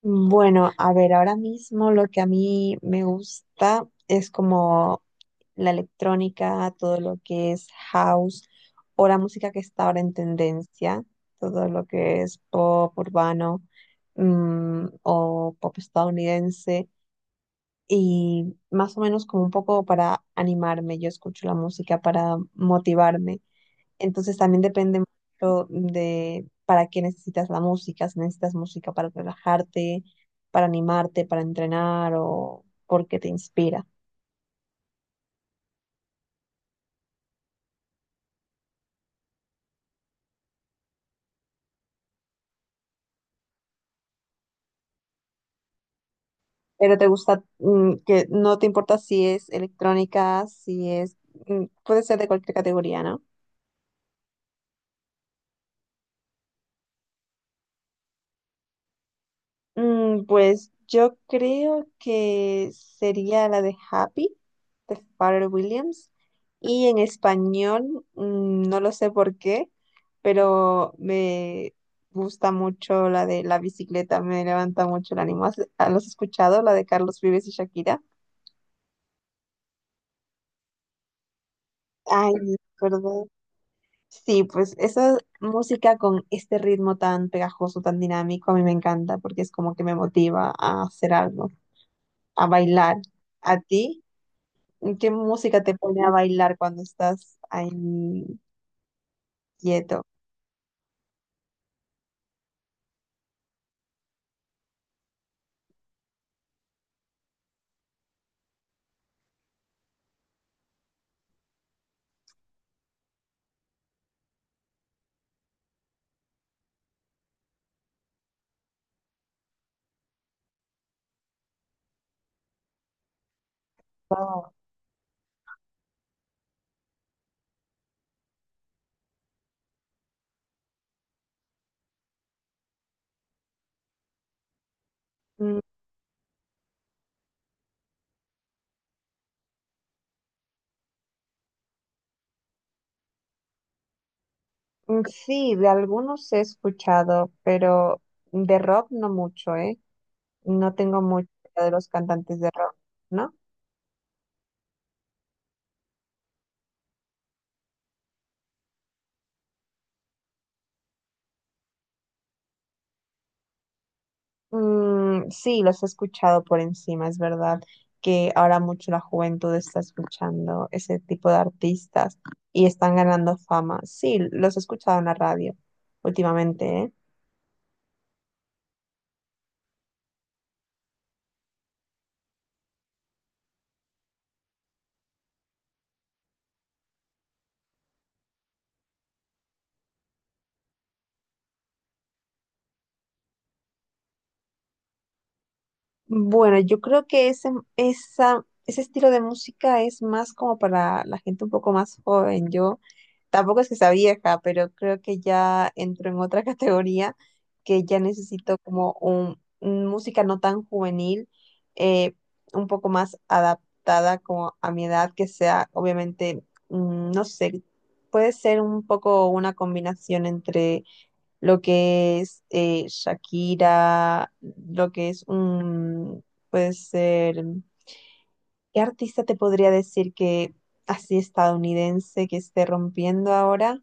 Bueno, a ver, ahora mismo lo que a mí me gusta es como la electrónica, todo lo que es house o la música que está ahora en tendencia, todo lo que es pop urbano o pop estadounidense y más o menos como un poco para animarme, yo escucho la música para motivarme. Entonces también depende mucho de para qué necesitas la música, si necesitas música para relajarte, para animarte, para entrenar o porque te inspira. Pero te gusta, que no te importa si es electrónica, si es, mm, puede ser de cualquier categoría, ¿no? Pues yo creo que sería la de Happy, de Pharrell Williams. Y en español, no lo sé por qué, pero me gusta mucho la de La bicicleta, me levanta mucho el ánimo. ¿Los has escuchado? La de Carlos Vives y Shakira. Ay, ¿verdad? Sí, pues esa música con este ritmo tan pegajoso, tan dinámico, a mí me encanta porque es como que me motiva a hacer algo, a bailar. ¿A ti? ¿Qué música te pone a bailar cuando estás ahí quieto? Wow. Mm, Sí, de algunos he escuchado, pero de rock no mucho, ¿eh? No tengo mucha idea de los cantantes de rock, ¿no? Sí, los he escuchado por encima, es verdad que ahora mucho la juventud está escuchando ese tipo de artistas y están ganando fama. Sí, los he escuchado en la radio últimamente, ¿eh? Bueno, yo creo que ese estilo de música es más como para la gente un poco más joven. Yo tampoco es que sea vieja, pero creo que ya entro en otra categoría, que ya necesito como un música no tan juvenil, eh, un poco más adaptada como a mi edad, que sea obviamente, no sé, puede ser un poco una combinación entre lo que es Shakira, lo que es un, puede ser, ¿qué artista te podría decir que así estadounidense que esté rompiendo ahora?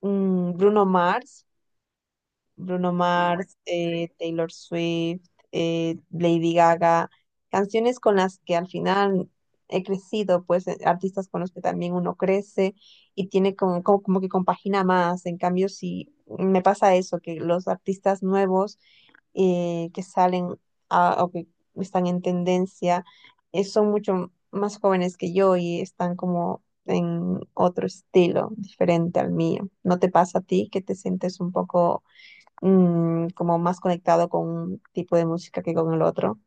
Bruno Mars. Bruno Mars, Taylor Swift, Lady Gaga, canciones con las que al final he crecido, pues artistas con los que también uno crece y tiene como, como que compagina más. En cambio, si me pasa eso, que los artistas nuevos que salen o que están en tendencia son mucho más jóvenes que yo y están como en otro estilo diferente al mío. ¿No te pasa a ti que te sientes un poco como más conectado con un tipo de música que con el otro?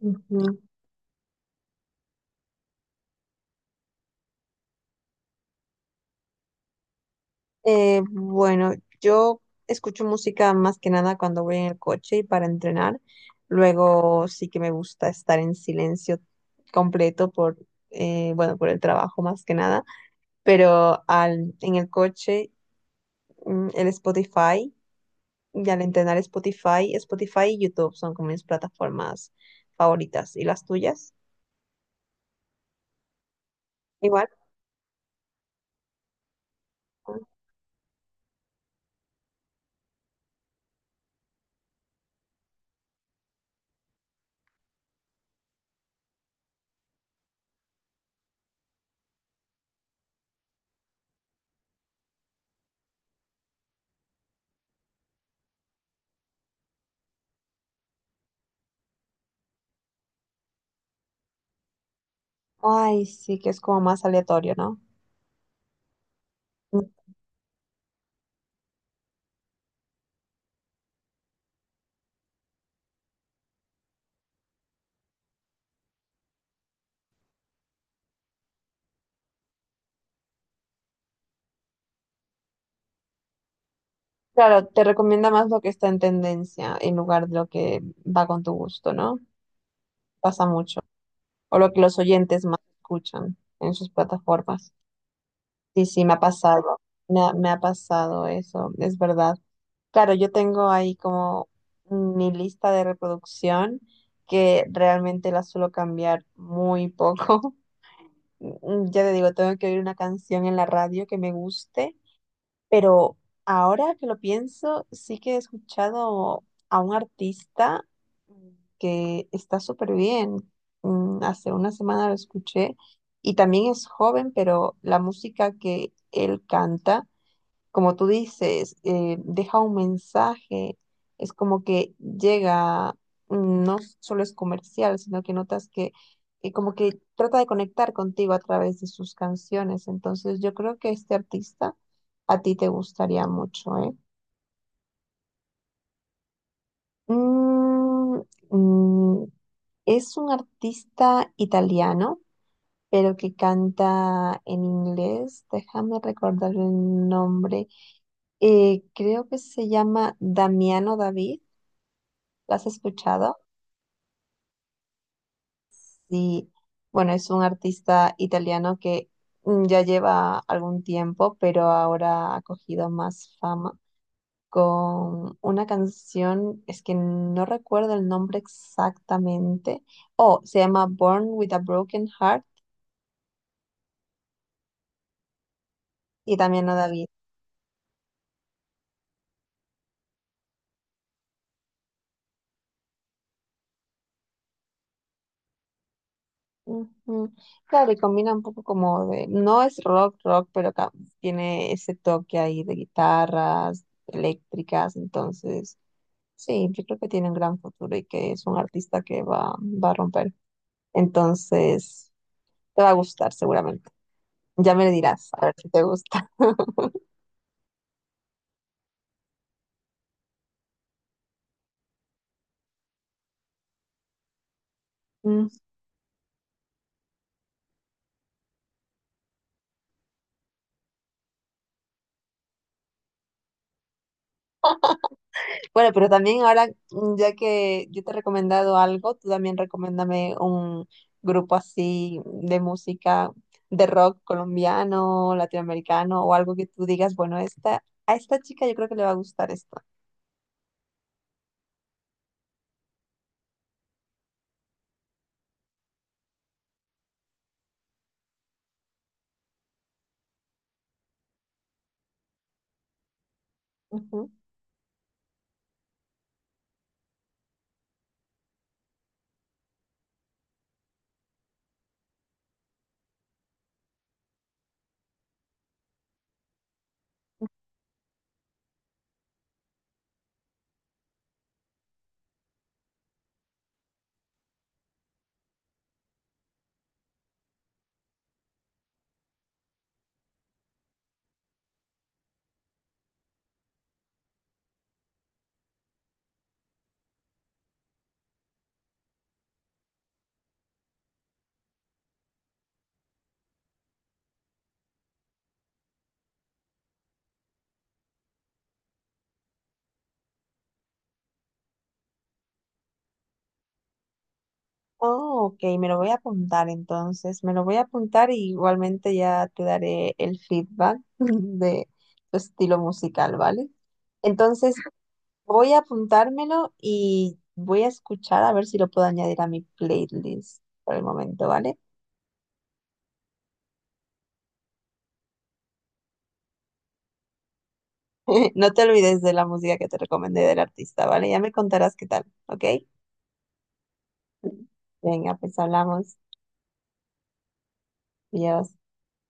Ujú. Bueno, yo escucho música más que nada cuando voy en el coche y para entrenar. Luego sí que me gusta estar en silencio completo por, bueno, por el trabajo más que nada. Pero al, en el coche, el Spotify, y al entrenar Spotify, Spotify y YouTube son como mis plataformas favoritas. ¿Y las tuyas? Igual. Ay, sí, que es como más aleatorio, ¿no? Claro, te recomienda más lo que está en tendencia en lugar de lo que va con tu gusto, ¿no? Pasa mucho. O lo que los oyentes más escuchan en sus plataformas. Sí, sí, me ha pasado. Me ha pasado eso, es verdad. Claro, yo tengo ahí como mi lista de reproducción, que realmente la suelo cambiar muy poco. Ya te digo, tengo que oír una canción en la radio que me guste. Pero ahora que lo pienso, sí que he escuchado a un artista mm, que está súper bien. Hace una semana lo escuché y también es joven, pero la música que él canta, como tú dices, deja un mensaje, es como que llega, no solo es comercial, sino que notas que como que trata de conectar contigo a través de sus canciones. Entonces yo creo que este artista a ti te gustaría mucho, ¿eh? Mm, mm, es un artista italiano, pero que canta en inglés. Déjame recordar el nombre. Creo que se llama Damiano David. ¿Lo has escuchado? Sí, bueno, es un artista italiano que ya lleva algún tiempo, pero ahora ha cogido más fama con una canción, es que no recuerdo el nombre exactamente. Oh, se llama Born with a Broken Heart y también a David. Ujú. Claro, y combina un poco como de, no es rock, rock, pero tiene ese toque ahí de guitarras eléctricas, entonces sí, yo creo que tiene un gran futuro y que es un artista que va a romper. Entonces, te va a gustar seguramente. Ya me dirás, a ver si te gusta. Mm. Bueno, pero también ahora, ya que yo te he recomendado algo, tú también recomiéndame un grupo así de música, de rock colombiano, latinoamericano o algo que tú digas, bueno, esta, a esta chica yo creo que le va a gustar esto. Ujú. Oh, ok, me lo voy a apuntar entonces, me lo voy a apuntar, y igualmente ya te daré el feedback de tu estilo musical, ¿vale? Entonces voy a apuntármelo y voy a escuchar a ver si lo puedo añadir a mi playlist por el momento, ¿vale? No te olvides de la música que te recomendé del artista, ¿vale? Ya me contarás qué tal, ¿ok? Venga, pues hablamos. Adiós.